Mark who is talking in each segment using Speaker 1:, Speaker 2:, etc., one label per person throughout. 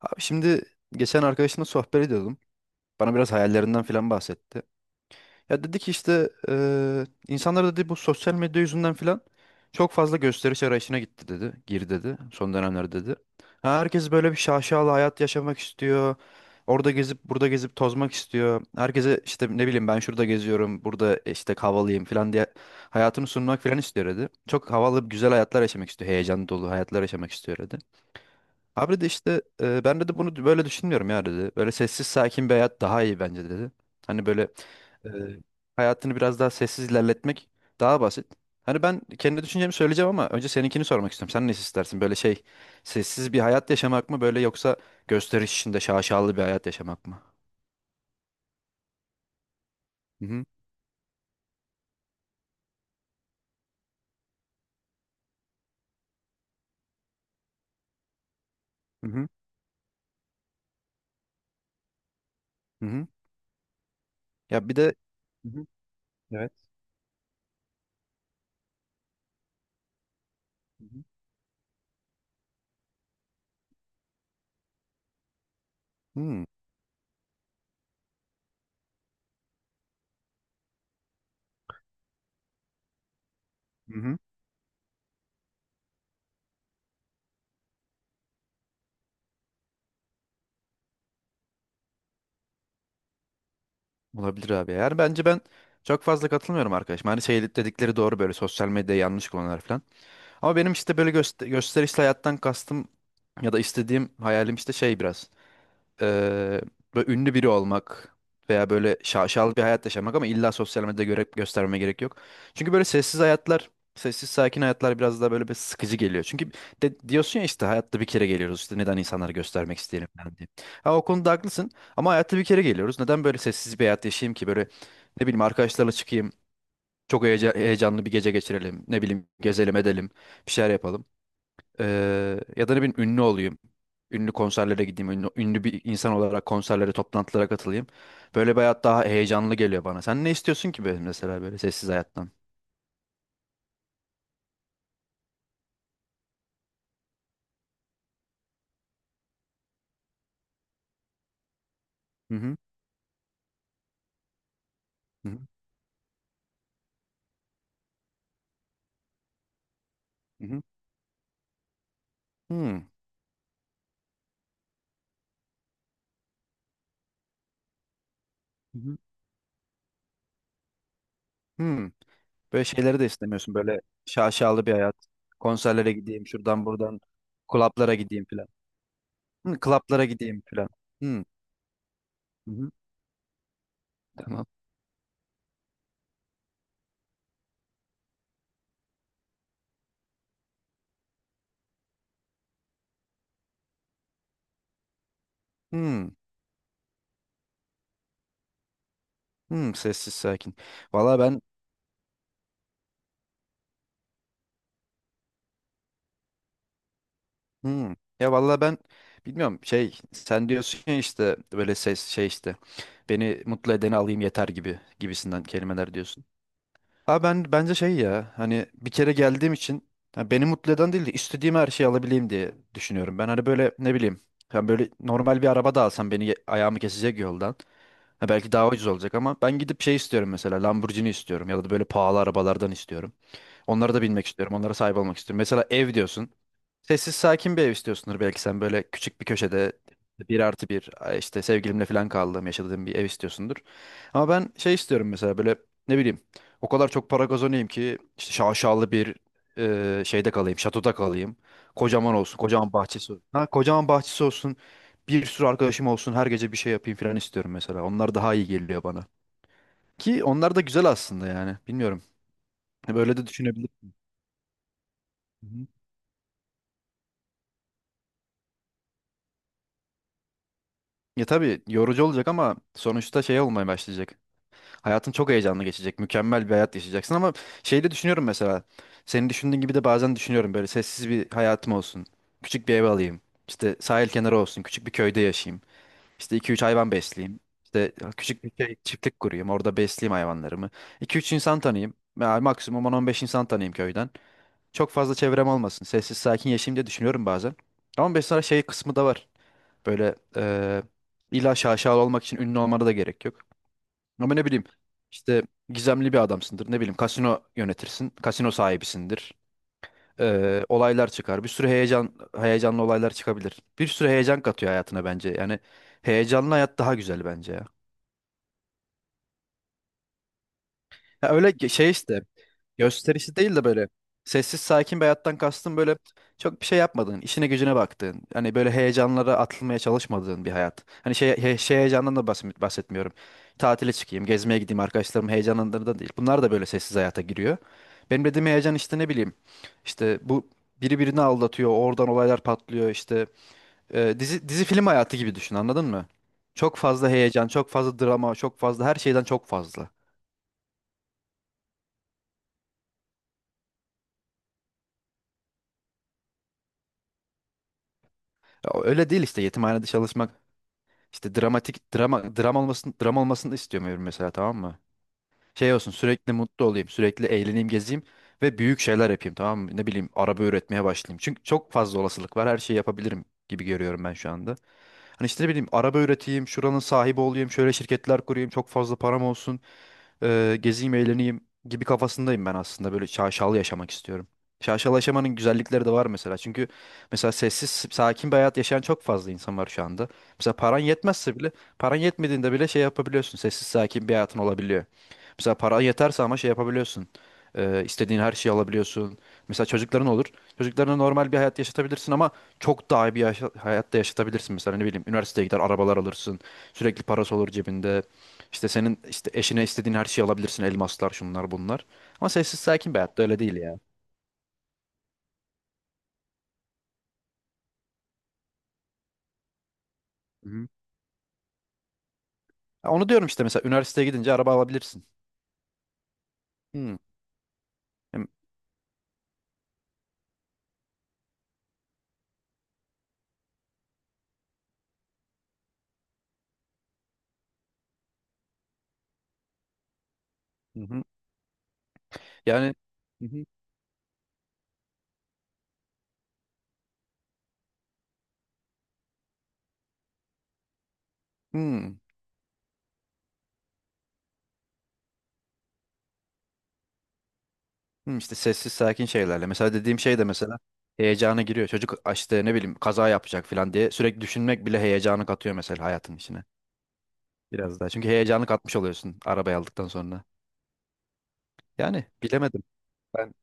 Speaker 1: Abi şimdi geçen arkadaşımla sohbet ediyordum. Bana biraz hayallerinden filan bahsetti. Ya dedi ki işte insanlar dedi bu sosyal medya yüzünden filan çok fazla gösteriş arayışına gitti dedi. Gir dedi son dönemlerde dedi. Ha, herkes böyle bir şaşalı hayat yaşamak istiyor. Orada gezip burada gezip tozmak istiyor. Herkese işte ne bileyim ben şurada geziyorum, burada işte havalıyım filan diye hayatını sunmak filan istiyor dedi. Çok havalı güzel hayatlar yaşamak istiyor. Heyecan dolu hayatlar yaşamak istiyor dedi. Abi de işte ben dedi bunu böyle düşünmüyorum ya dedi. Böyle sessiz sakin bir hayat daha iyi bence dedi. Hani böyle e, hayatını biraz daha sessiz ilerletmek daha basit. Hani ben kendi düşüncemi söyleyeceğim ama önce seninkini sormak istiyorum. Sen ne istersin? Böyle şey sessiz bir hayat yaşamak mı böyle yoksa gösteriş içinde şaşalı bir hayat yaşamak mı? Hı hı. Hı hı. Hı hı. Ya bir de. Hı hı. Evet. Hı hı. Hmm, hı hı. Olabilir abi. Yani bence ben çok fazla katılmıyorum arkadaşım. Hani şey dedikleri doğru böyle sosyal medya yanlış kullananlar falan. Ama benim işte böyle gösterişli hayattan kastım ya da istediğim hayalim işte şey biraz. eee, böyle ünlü biri olmak veya böyle şaşalı bir hayat yaşamak ama illa sosyal medyada göre göstermeme gerek yok. Çünkü böyle sessiz hayatlar, sessiz sakin hayatlar biraz daha böyle bir sıkıcı geliyor. Çünkü diyorsun ya işte hayatta bir kere geliyoruz işte neden insanları göstermek isteyelim falan diye. Ha, o konuda haklısın ama hayatta bir kere geliyoruz. Neden böyle sessiz bir hayat yaşayayım ki böyle ne bileyim arkadaşlarla çıkayım. Çok heyecanlı bir gece geçirelim. Ne bileyim gezelim edelim. Bir şeyler yapalım. Ya da ne bileyim ünlü olayım. Ünlü konserlere gideyim. Ünlü bir insan olarak konserlere, toplantılara katılayım. Böyle bir hayat daha heyecanlı geliyor bana. Sen ne istiyorsun ki böyle mesela böyle sessiz hayattan? Hı hı. Hı hı. Hı hı. Hmm, hı hı, hmm. Böyle şeyleri de istemiyorsun. Böyle şaşalı bir hayat. Konserlere gideyim şuradan buradan. Klaplara gideyim filan. Hı, klaplara gideyim filan. Hı. Hı hı. Tamam. Hı. Hı. Sessiz sakin. Valla ben. Hmm. Ya vallahi ben bilmiyorum şey sen diyorsun ya işte böyle ses şey işte beni mutlu edeni alayım yeter gibi gibisinden kelimeler diyorsun. Ha ben bence şey ya hani bir kere geldiğim için ha beni mutlu eden değil de istediğim her şeyi alabileyim diye düşünüyorum. Ben hani böyle ne bileyim ben böyle normal bir araba da alsam beni ayağımı kesecek yoldan. Ha belki daha ucuz olacak ama ben gidip şey istiyorum mesela Lamborghini istiyorum ya da böyle pahalı arabalardan istiyorum. Onlara da binmek istiyorum. Onlara sahip olmak istiyorum. Mesela ev diyorsun. Sessiz sakin bir ev istiyorsundur belki sen böyle küçük bir köşede bir artı bir ay işte sevgilimle falan kaldığım yaşadığım bir ev istiyorsundur. Ama ben şey istiyorum mesela böyle ne bileyim o kadar çok para kazanayım ki işte şaşalı bir şeyde kalayım şatoda kalayım. Kocaman olsun kocaman bahçesi olsun. Ha, kocaman bahçesi olsun bir sürü arkadaşım olsun her gece bir şey yapayım falan istiyorum mesela. Onlar daha iyi geliyor bana. Ki onlar da güzel aslında yani bilmiyorum. Böyle de düşünebilirim. Hı hı. Ya tabii yorucu olacak ama sonuçta şey olmaya başlayacak. Hayatın çok heyecanlı geçecek. Mükemmel bir hayat yaşayacaksın ama şeyi de düşünüyorum mesela. Senin düşündüğün gibi de bazen düşünüyorum böyle sessiz bir hayatım olsun. Küçük bir ev alayım. İşte sahil kenarı olsun. Küçük bir köyde yaşayayım. İşte 2-3 hayvan besleyeyim. İşte küçük bir şey, çiftlik kurayım. Orada besleyeyim hayvanlarımı. 2-3 insan tanıyayım. Yani maksimum on on beş insan tanıyayım köyden. Çok fazla çevrem olmasın. Sessiz sakin yaşayayım diye düşünüyorum bazen. Ama mesela şey kısmı da var. Böyle illa şaşalı olmak için ünlü olmana da gerek yok. Ama ne bileyim işte gizemli bir adamsındır. Ne bileyim kasino yönetirsin. Kasino sahibisindir. Olaylar çıkar. Bir sürü heyecanlı olaylar çıkabilir. Bir sürü heyecan katıyor hayatına bence. Yani heyecanlı hayat daha güzel bence ya. Ya öyle şey işte gösterişi değil de böyle sessiz sakin bir hayattan kastım böyle çok bir şey yapmadığın, işine gücüne baktığın, hani böyle heyecanlara atılmaya çalışmadığın bir hayat. Hani şey, şey heyecandan da bahsetmiyorum. Tatile çıkayım, gezmeye gideyim arkadaşlarım heyecanından da değil. Bunlar da böyle sessiz hayata giriyor. Benim dediğim heyecan işte ne bileyim işte bu biri birini aldatıyor, oradan olaylar patlıyor işte dizi dizi film hayatı gibi düşün anladın mı? Çok fazla heyecan, çok fazla drama, çok fazla her şeyden çok fazla. Ya öyle değil işte yetimhanede çalışmak işte dramatik dram olmasını istemiyorum mesela tamam mı? Şey olsun sürekli mutlu olayım, sürekli eğleneyim, gezeyim ve büyük şeyler yapayım tamam mı? Ne bileyim araba üretmeye başlayayım. Çünkü çok fazla olasılık var. Her şeyi yapabilirim gibi görüyorum ben şu anda. Hani işte ne bileyim araba üreteyim, şuranın sahibi olayım, şöyle şirketler kurayım, çok fazla param olsun gezeyim, eğleneyim gibi kafasındayım ben aslında. Böyle şaşalı yaşamak istiyorum. Şaşalı yaşamanın güzellikleri de var mesela. Çünkü mesela sessiz, sakin bir hayat yaşayan çok fazla insan var şu anda. Mesela paran yetmezse bile, paran yetmediğinde bile şey yapabiliyorsun. Sessiz, sakin bir hayatın olabiliyor. Mesela paran yeterse ama şey yapabiliyorsun. İstediğin her şeyi alabiliyorsun. Mesela çocukların olur. Çocuklarına normal bir hayat yaşatabilirsin ama çok daha iyi bir hayatta yaşatabilirsin. Mesela ne bileyim üniversiteye gider arabalar alırsın. Sürekli parası olur cebinde. İşte senin işte eşine istediğin her şeyi alabilirsin. Elmaslar, şunlar, bunlar. Ama sessiz sakin bir hayatta öyle değil ya. Hı-hı. Ya onu diyorum işte mesela üniversiteye gidince araba alabilirsin. Hı. Hem-. Hı-hı. Yani. Hı-hı. Hı. Hı. Hı, işte sessiz sakin şeylerle. Mesela dediğim şey de mesela heyecana giriyor. Çocuk işte ne bileyim kaza yapacak falan diye sürekli düşünmek bile heyecanı katıyor mesela hayatın içine. Biraz daha. Çünkü heyecanı katmış oluyorsun arabayı aldıktan sonra. Yani bilemedim. Ben.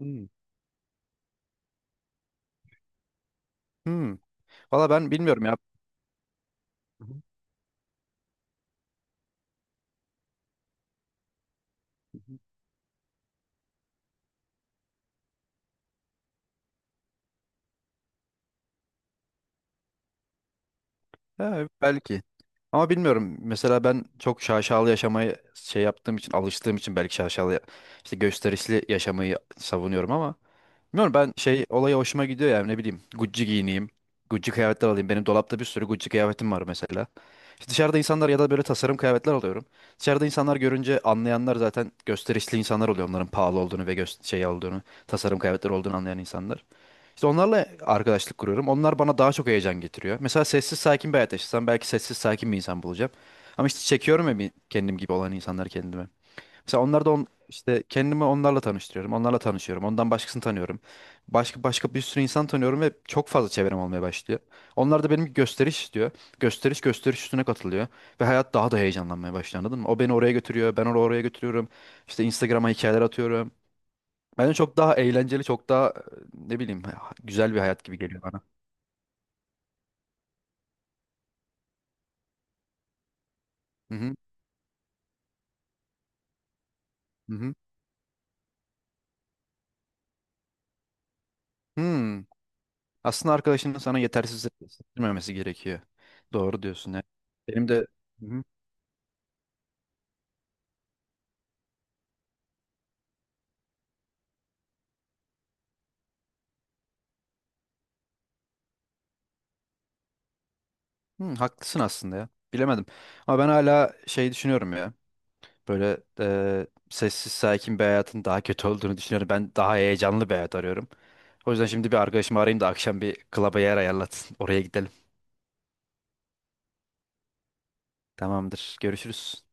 Speaker 1: Hı. Hı. Valla ben bilmiyorum ya. Hı hı. Ha, belki. Ama bilmiyorum. Mesela ben çok şaşalı yaşamayı şey yaptığım için, alıştığım için belki şaşalı işte gösterişli yaşamayı savunuyorum ama bilmiyorum ben şey olaya hoşuma gidiyor yani ne bileyim Gucci giyineyim. Gucci kıyafetler alayım. Benim dolapta bir sürü Gucci kıyafetim var mesela. İşte dışarıda insanlar ya da böyle tasarım kıyafetler alıyorum. Dışarıda insanlar görünce anlayanlar zaten gösterişli insanlar oluyor. Onların pahalı olduğunu ve şey olduğunu, tasarım kıyafetler olduğunu anlayan insanlar. İşte onlarla arkadaşlık kuruyorum. Onlar bana daha çok heyecan getiriyor. Mesela sessiz sakin bir hayat yaşasam belki sessiz sakin bir insan bulacağım. Ama işte çekiyorum ya bir kendim gibi olan insanları kendime. Mesela onlar da işte kendimi onlarla tanıştırıyorum. Onlarla tanışıyorum. Ondan başkasını tanıyorum. Başka başka bir sürü insan tanıyorum ve çok fazla çevrem olmaya başlıyor. Onlar da benim gösteriş istiyor. Gösteriş gösteriş üstüne katılıyor. Ve hayat daha da heyecanlanmaya başlıyor anladın mı? O beni oraya götürüyor. Ben onu oraya götürüyorum. İşte Instagram'a hikayeler atıyorum. Bence çok daha eğlenceli, çok daha ne bileyim güzel bir hayat gibi geliyor bana. Hı hı. Hı hı. Hmm. Aslında arkadaşının sana yetersiz hissettirmemesi gerekiyor. Doğru diyorsun ya. Benim de. Hı hı. Hı, haklısın aslında ya. Bilemedim. Ama ben hala şey düşünüyorum ya. Böyle sessiz sakin bir hayatın daha kötü olduğunu düşünüyorum. Ben daha heyecanlı bir hayat arıyorum. O yüzden şimdi bir arkadaşımı arayayım da akşam bir klaba yer ayarlatsın. Oraya gidelim. Tamamdır. Görüşürüz.